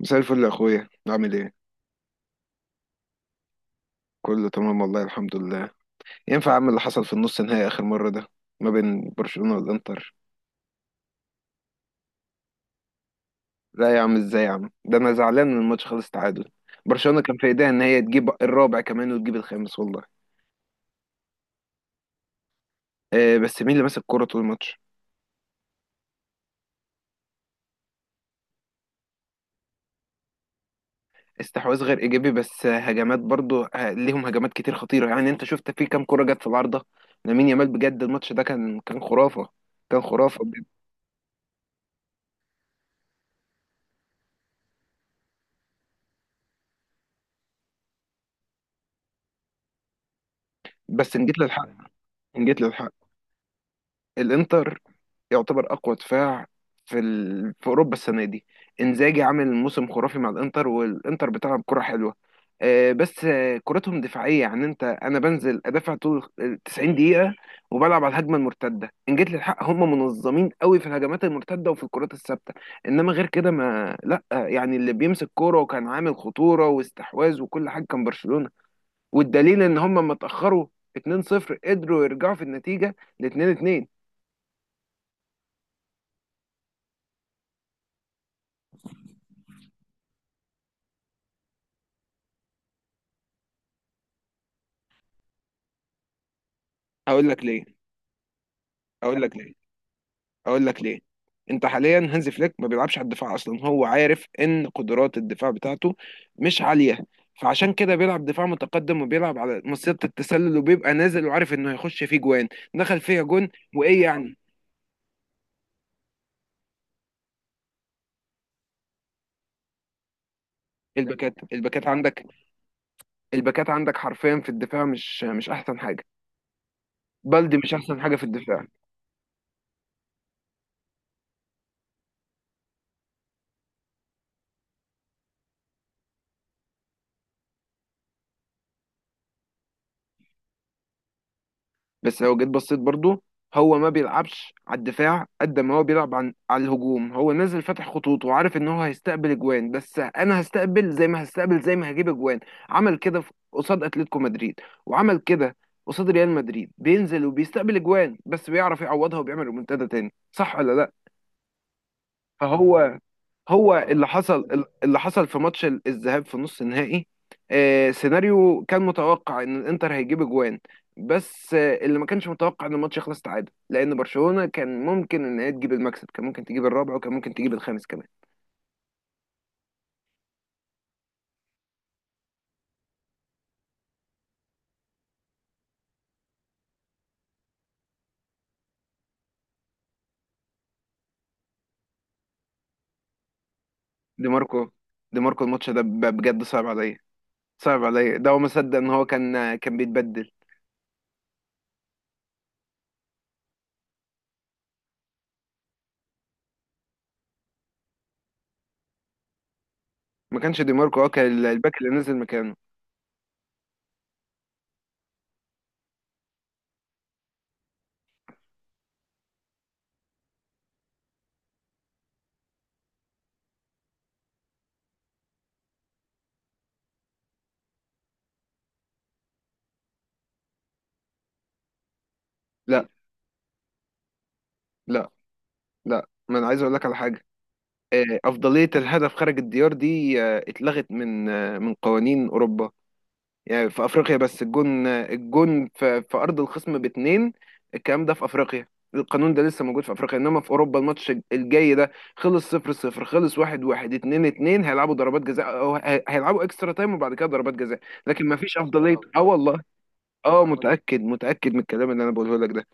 مساء الفل يا اخويا، عامل ايه؟ كله تمام والله، الحمد لله. ينفع اعمل اللي حصل في النص النهائي اخر مره ده، ما بين برشلونه والانتر؟ لا يا عم، ازاي يا عم؟ ده انا زعلان من الماتش خالص. تعادل؟ برشلونه كان في ايديها ان هي تجيب الرابع كمان وتجيب الخامس والله. آه، بس مين اللي ماسك الكوره طول الماتش؟ استحواذ غير ايجابي بس، هجمات برضو، ليهم هجمات كتير خطيره. يعني انت شفت في كام كوره جت في العارضه. لامين يامال بجد. الماتش ده كان خرافه، كان خرافه بجد. بس ان جيت للحق، ان جيت للحق، الانتر يعتبر اقوى دفاع في اوروبا السنه دي. انزاجي عامل موسم خرافي مع الانتر، والانتر بتلعب كره حلوه. بس كرتهم دفاعيه. يعني انا بنزل ادافع طول ال 90 دقيقه، وبلعب على الهجمه المرتده. ان جيت للحق، هم منظمين قوي في الهجمات المرتده وفي الكرات الثابته. انما غير كده ما لا، يعني اللي بيمسك كوره وكان عامل خطوره واستحواذ وكل حاجه كان برشلونه. والدليل ان هم لما اتاخروا 2-0 قدروا يرجعوا في النتيجه ل 2-2. اقول لك ليه، اقول لك ليه، اقول لك ليه. انت حاليا هانز فليك ما بيلعبش على الدفاع اصلا، هو عارف ان قدرات الدفاع بتاعته مش عاليه، فعشان كده بيلعب دفاع متقدم وبيلعب على مصيدة التسلل، وبيبقى نازل وعارف انه هيخش فيه جوان. دخل فيها جون. وايه يعني؟ الباكات عندك، الباكات عندك حرفيا في الدفاع مش احسن حاجه. بلدي مش احسن حاجه في الدفاع. بس لو جيت بصيت برضو، هو ما بيلعبش على الدفاع قد ما هو بيلعب على الهجوم. هو نازل فاتح خطوط وعارف ان هو هيستقبل اجوان، بس انا هستقبل زي ما هجيب اجوان. عمل كده قصاد اتلتيكو مدريد، وعمل كده قصاد ريال مدريد، بينزل وبيستقبل اجوان بس بيعرف يعوضها وبيعمل ريمونتادا تاني، صح ولا لا؟ فهو، هو اللي حصل، اللي حصل في ماتش الذهاب في نص النهائي. سيناريو كان متوقع ان الانتر هيجيب اجوان، بس اللي ما كانش متوقع ان الماتش يخلص تعادل، لان برشلونة كان ممكن ان هي تجيب المكسب، كان ممكن تجيب الرابع وكان ممكن تجيب الخامس كمان. دي ماركو. دي ماركو الماتش ده بجد صعب عليا، صعب عليا. ده هو ما صدق ان هو كان بيتبدل. ما كانش دي ماركو، هو كان الباك اللي نزل مكانه. لا لا لا، ما انا عايز اقول لك على حاجة. أفضلية الهدف خارج الديار دي اتلغت من قوانين أوروبا. يعني في أفريقيا بس، الجون، في أرض الخصم باتنين، الكلام ده في أفريقيا. القانون ده لسه موجود في أفريقيا، إنما في أوروبا الماتش الجاي ده، خلص صفر صفر، خلص واحد واحد، اتنين اتنين، هيلعبوا ضربات جزاء، أو هيلعبوا إكسترا تايم وبعد كده ضربات جزاء. لكن مفيش أفضلية. سبحان الله والله. أه، سبحان الله. متأكد، متأكد من الكلام اللي أنا بقوله لك ده.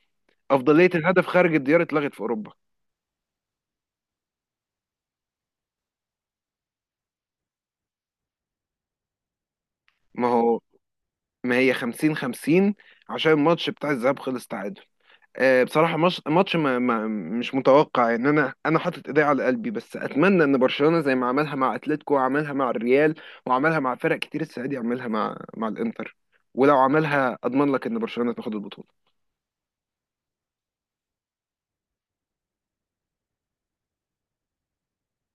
أفضلية الهدف خارج الديار اتلغت في أوروبا. ما هو، ما هي 50 50. عشان الماتش بتاع الذهاب خلص تعادل. بصراحة مش ماتش ما ما مش متوقع. ان انا حاطط ايدي على قلبي، بس اتمنى ان برشلونة زي ما عملها مع اتلتيكو وعملها مع الريال وعملها مع فرق كتير السنة دي، يعملها مع الانتر. ولو عملها اضمن لك ان برشلونة تاخد البطولة.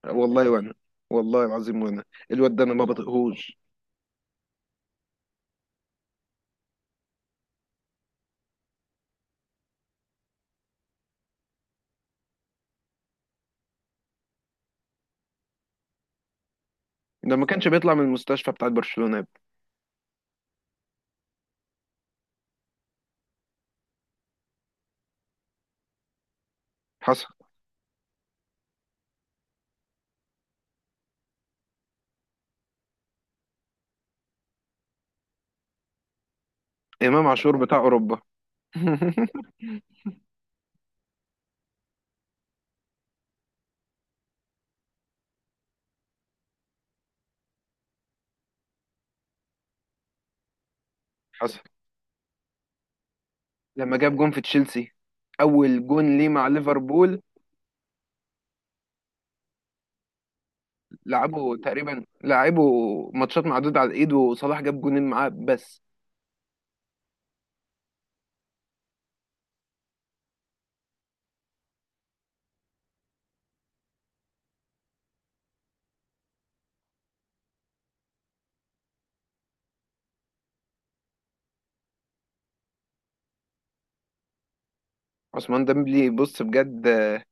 والله وانا، والله العظيم وانا، الواد ده انا ما بطيقهوش. ده ما كانش بيطلع من المستشفى بتاعت برشلونة يا ابني. حصل. امام عاشور بتاع اوروبا. حصل. لما جاب جون في تشيلسي، اول جون ليه مع ليفربول. لعبه تقريبا، لعبه، ماتشات معدودة على الايد. وصلاح جاب جونين معاه بس. عثمان ديمبلي بص بجد. آه،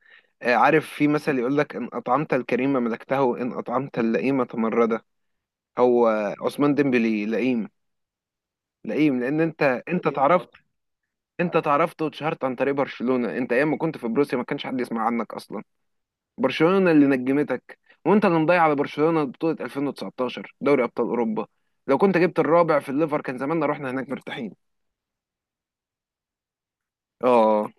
آه، عارف في مثل يقول لك ان اطعمت الكريم ملكته وان اطعمت اللئيم تمرده. هو عثمان ديمبلي لئيم. لئيم لان انت تعرفت، انت تعرفت واتشهرت عن طريق برشلونة. انت ايام ما كنت في بروسيا ما كانش حد يسمع عنك اصلا. برشلونة اللي نجمتك، وانت اللي مضيع على برشلونة بطولة 2019 دوري ابطال اوروبا. لو كنت جبت الرابع في الليفر كان زماننا رحنا هناك مرتاحين. اه،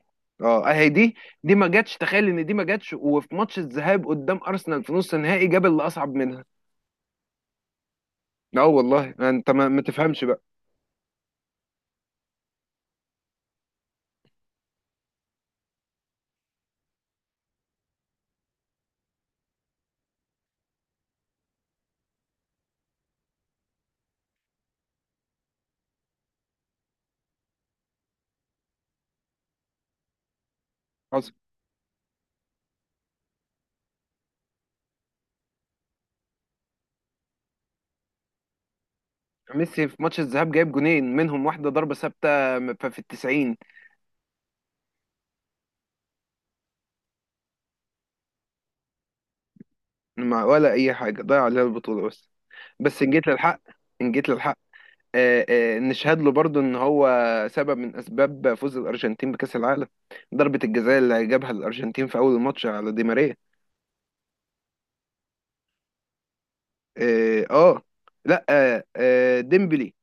اه، اهي دي. دي ما جاتش. تخيل ان دي ما جاتش، وفي ماتش الذهاب قدام ارسنال في نص النهائي جاب اللي اصعب منها. اه والله، انت ما تفهمش بقى. حصل. ميسي في ماتش الذهاب جايب جونين منهم، واحده ضربه ثابته في التسعين. ما ولا اي حاجه ضيع عليها البطوله بس. بس ان جيت للحق، ان جيت للحق، نشهد له برضو ان هو سبب من اسباب فوز الارجنتين بكاس العالم. ضربة الجزاء اللي جابها الارجنتين في اول الماتش على دي ماريا. اه، لا، ديمبلي.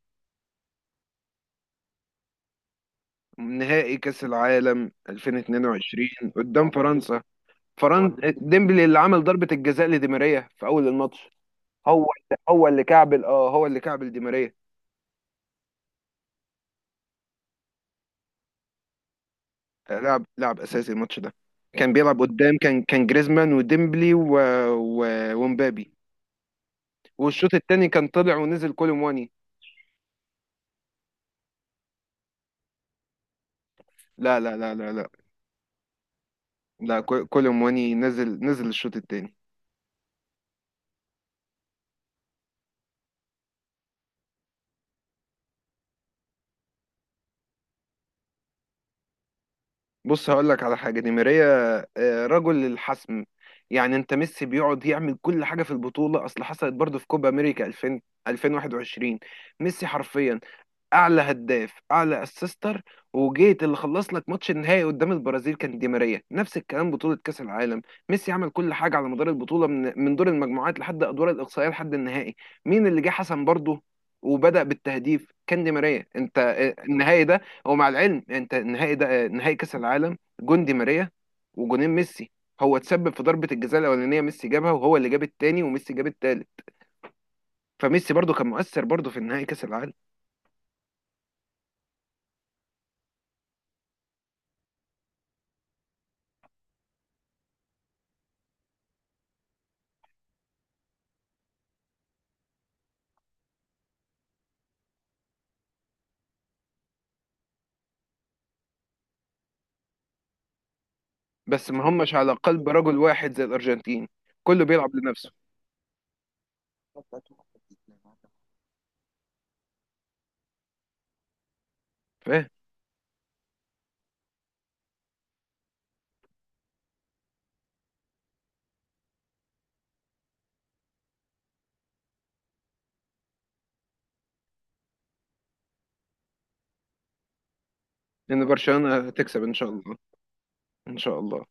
نهائي كاس العالم 2022 قدام فرنسا. فرنسا، ديمبلي اللي عمل ضربة الجزاء لدي ماريا في اول الماتش. هو هو اللي كعبل دي ماريا. لعب اساسي الماتش ده. كان بيلعب قدام، كان جريزمان وديمبلي و... ومبابي. والشوط التاني كان طلع ونزل كولومواني. لا لا لا لا لا، لا كولومواني نزل، نزل الشوط التاني. بص هقول لك على حاجة. دي ماريا رجل الحسم. يعني انت ميسي بيقعد يعمل كل حاجة في البطولة، اصل حصلت برضه في كوبا امريكا 2000، 2021. ميسي حرفيا اعلى هداف، اعلى اسيستر. وجيت اللي خلص لك ماتش النهائي قدام البرازيل كان دي ماريا. نفس الكلام بطولة كأس العالم. ميسي عمل كل حاجة على مدار البطولة من دور المجموعات لحد ادوار الاقصائية لحد النهائي. مين اللي جه حسن برضه وبدأ بالتهديف؟ كان دي ماريا. انت النهائي ده، هو مع العلم انت النهائي ده نهائي كأس العالم، جون دي ماريا وجونين ميسي. هو اتسبب في ضربة الجزاء الأولانية، ميسي جابها، وهو اللي جاب التاني، وميسي جاب التالت. فميسي برضه كان مؤثر برضه في النهائي كأس العالم. بس ما همش على قلب رجل واحد زي الأرجنتين، كله بيلعب لنفسه. فاهم. لأن برشلونة هتكسب إن شاء الله. إن شاء الله.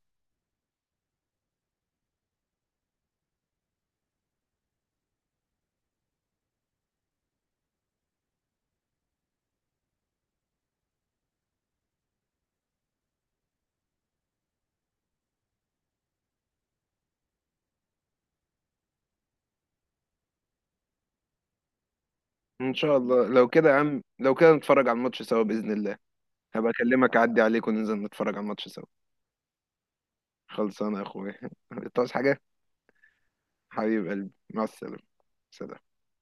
إن شاء الله لو كده يا عم، لو كده نتفرج على الماتش سوا بإذن الله. هبقى أكلمك، أعدي عليك وننزل نتفرج على الماتش سوا. خلصانة يا أخويا. أنت عاوز حاجة؟ حبيب قلبي مع السلامة. سلام.